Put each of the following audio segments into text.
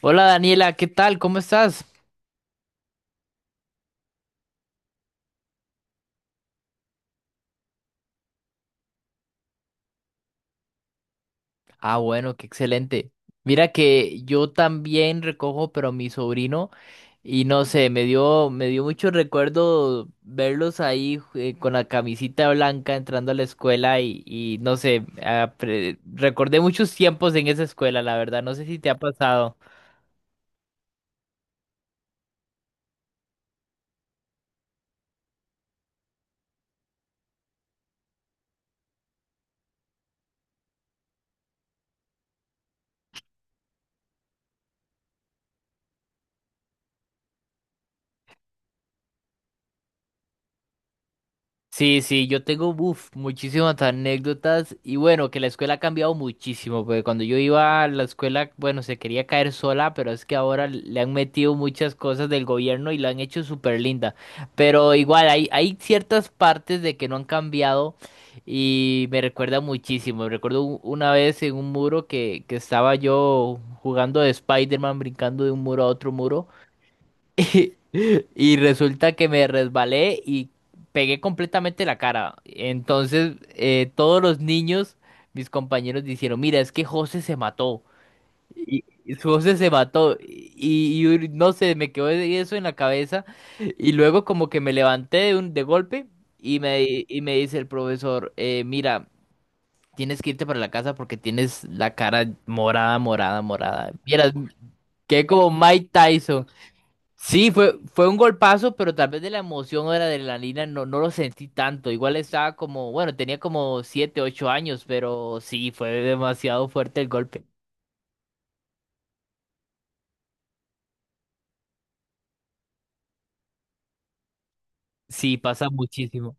Hola Daniela, ¿qué tal? ¿Cómo estás? Ah, bueno, qué excelente. Mira que yo también recojo, pero mi sobrino, y no sé, me dio mucho recuerdo verlos ahí con la camisita blanca entrando a la escuela y no sé, recordé muchos tiempos en esa escuela, la verdad, no sé si te ha pasado. Sí, sí, yo tengo uf, muchísimas anécdotas y bueno, que la escuela ha cambiado muchísimo, porque cuando yo iba a la escuela, bueno, se quería caer sola, pero es que ahora le han metido muchas cosas del gobierno y la han hecho súper linda. Pero igual, hay ciertas partes de que no han cambiado y me recuerda muchísimo. Recuerdo una vez en un muro que estaba yo jugando de Spider-Man, brincando de un muro a otro muro. Y y resulta que me resbalé y pegué completamente la cara. Entonces, todos los niños, mis compañeros, dijeron, mira, es que José se mató. Y su José se mató. Y no sé, me quedó eso en la cabeza. Y luego como que me levanté de golpe y me dice el profesor, mira, tienes que irte para la casa porque tienes la cara morada, morada, morada. Vieras, quedé como Mike Tyson. Sí, fue un golpazo, pero tal vez de la emoción o de la adrenalina no lo sentí tanto. Igual estaba como, bueno, tenía como 7, 8 años, pero sí, fue demasiado fuerte el golpe. Sí, pasa muchísimo.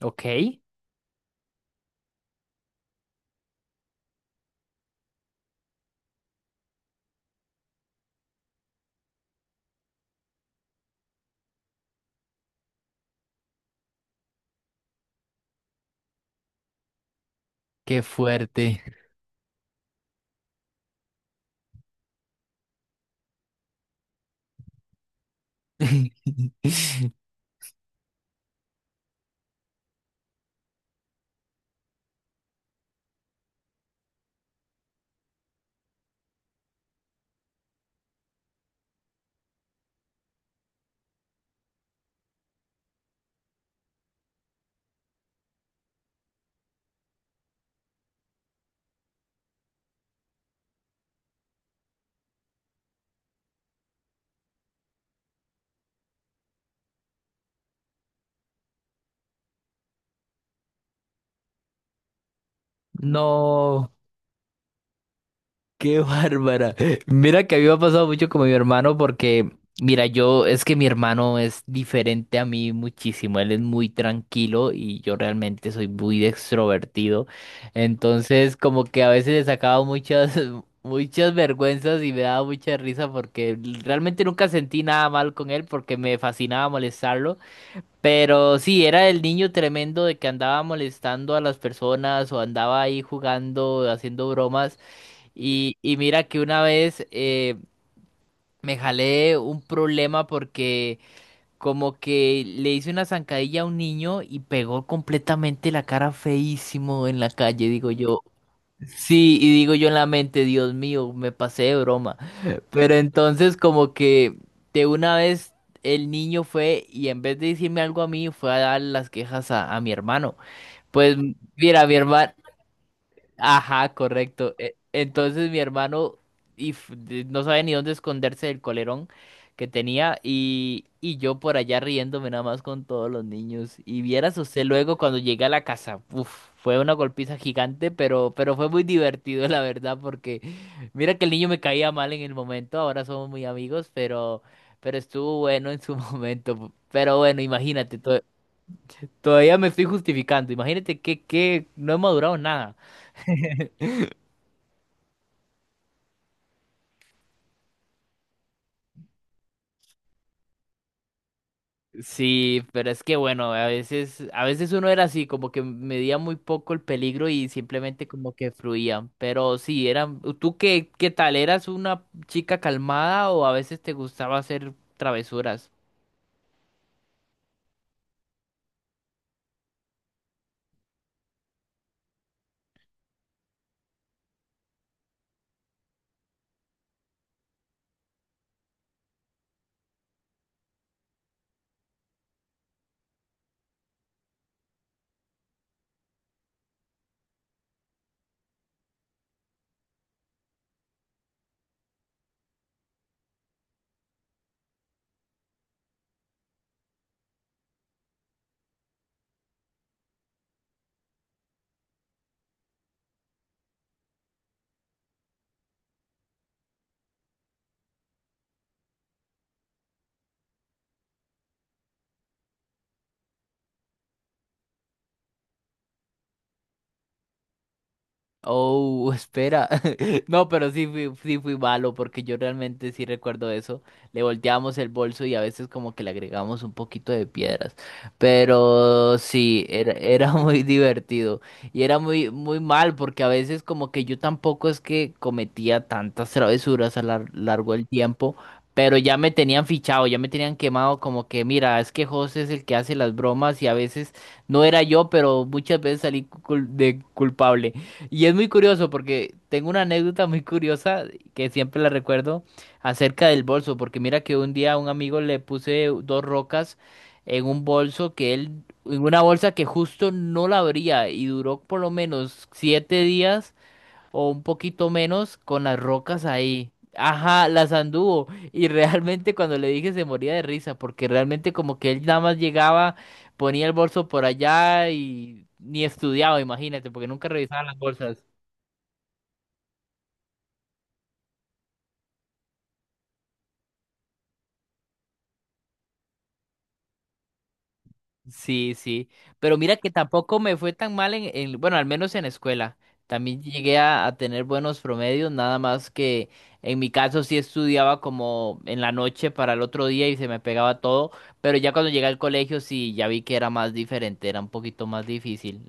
Ok, qué fuerte. No. Qué bárbara. Mira que a mí me ha pasado mucho con mi hermano porque, mira, yo es que mi hermano es diferente a mí muchísimo. Él es muy tranquilo y yo realmente soy muy extrovertido. Entonces, como que a veces le sacaba muchas, muchas vergüenzas y me daba mucha risa porque realmente nunca sentí nada mal con él porque me fascinaba molestarlo. Pero sí, era el niño tremendo de que andaba molestando a las personas o andaba ahí jugando, haciendo bromas. Y mira que una vez me jalé un problema porque como que le hice una zancadilla a un niño y pegó completamente la cara feísimo en la calle, digo yo. Sí, y digo yo en la mente, Dios mío, me pasé de broma. Pero entonces como que de una vez el niño fue y en vez de decirme algo a mí, fue a dar las quejas a mi hermano. Pues mira, mi hermano... Ajá, correcto. Entonces mi hermano no sabía ni dónde esconderse del colerón que tenía y yo por allá riéndome nada más con todos los niños. Y vieras usted luego cuando llegué a la casa, uf, fue una golpiza gigante, pero fue muy divertido la verdad porque mira que el niño me caía mal en el momento, ahora somos muy amigos, pero estuvo bueno en su momento. Pero bueno, imagínate, todavía me estoy justificando, imagínate que no he madurado nada. Sí, pero es que bueno, a veces uno era así, como que medía muy poco el peligro y simplemente como que fluía. Pero sí, eran, ¿tú qué tal? ¿Eras una chica calmada o a veces te gustaba hacer travesuras? Oh, espera. No, pero sí fui malo porque yo realmente sí recuerdo eso. Le volteábamos el bolso y a veces como que le agregamos un poquito de piedras. Pero sí, era muy divertido. Y era muy, muy mal porque a veces como que yo tampoco es que cometía tantas travesuras a lo largo del tiempo. Pero ya me tenían fichado, ya me tenían quemado como que, mira, es que José es el que hace las bromas y a veces no era yo, pero muchas veces salí de culpable. Y es muy curioso porque tengo una anécdota muy curiosa que siempre la recuerdo acerca del bolso, porque mira que un día a un amigo le puse dos rocas en un bolso que él, en una bolsa que justo no la abría y duró por lo menos 7 días o un poquito menos con las rocas ahí. Ajá, las anduvo y realmente cuando le dije se moría de risa porque realmente como que él nada más llegaba, ponía el bolso por allá y ni estudiaba, imagínate, porque nunca revisaba las bolsas. Sí, sí, pero mira que tampoco me fue tan mal en, bueno, al menos en escuela. También llegué a tener buenos promedios, nada más que en mi caso sí estudiaba como en la noche para el otro día y se me pegaba todo, pero ya cuando llegué al colegio sí ya vi que era más diferente, era un poquito más difícil.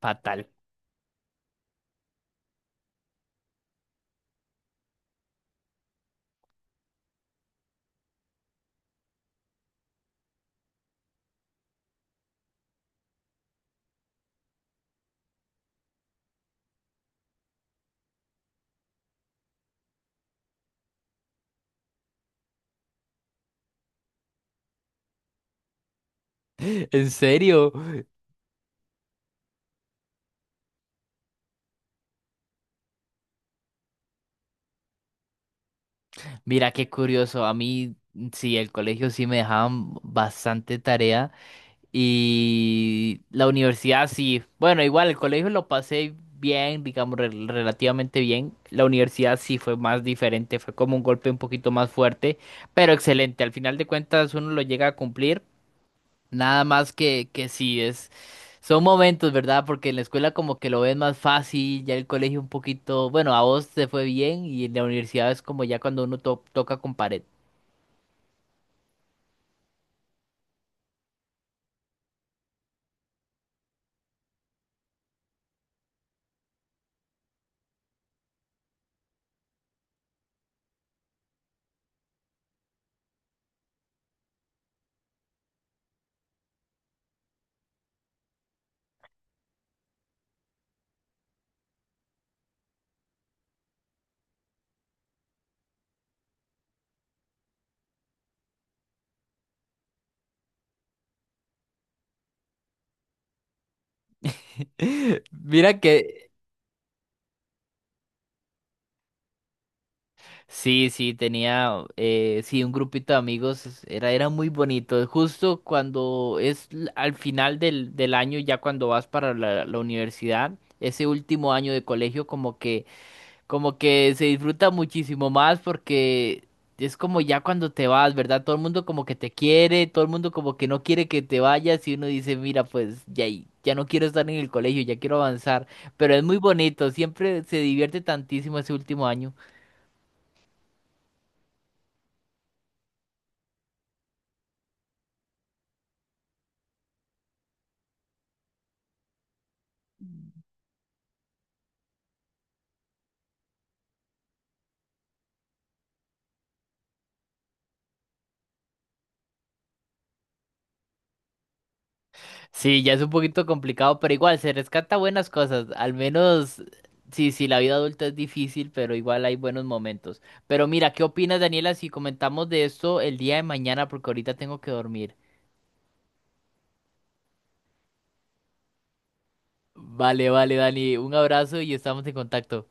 Fatal. ¿En serio? Mira qué curioso, a mí sí, el colegio sí me dejaban bastante tarea. Y la universidad sí. Bueno, igual el colegio lo pasé bien, digamos, relativamente bien. La universidad sí fue más diferente, fue como un golpe un poquito más fuerte, pero excelente. Al final de cuentas uno lo llega a cumplir. Nada más que sí, son momentos, ¿verdad? Porque en la escuela como que lo ves más fácil, ya el colegio un poquito, bueno, a vos te fue bien y en la universidad es como ya cuando uno toca con pared. Mira que Sí, sí, tenía, sí, un grupito de amigos, era muy bonito. Justo cuando es al final del año, ya cuando vas para la universidad, ese último año de colegio como que se disfruta muchísimo más porque es como ya cuando te vas, ¿verdad? Todo el mundo como que te quiere, todo el mundo como que no quiere que te vayas y uno dice, mira, pues ya, ya no quiero estar en el colegio, ya quiero avanzar. Pero es muy bonito, siempre se divierte tantísimo ese último año. Sí, ya es un poquito complicado, pero igual se rescata buenas cosas. Al menos, sí, sí, la vida adulta es difícil, pero igual hay buenos momentos. Pero mira, ¿qué opinas, Daniela, si comentamos de esto el día de mañana? Porque ahorita tengo que dormir. Vale, vale, Dani, un abrazo y estamos en contacto.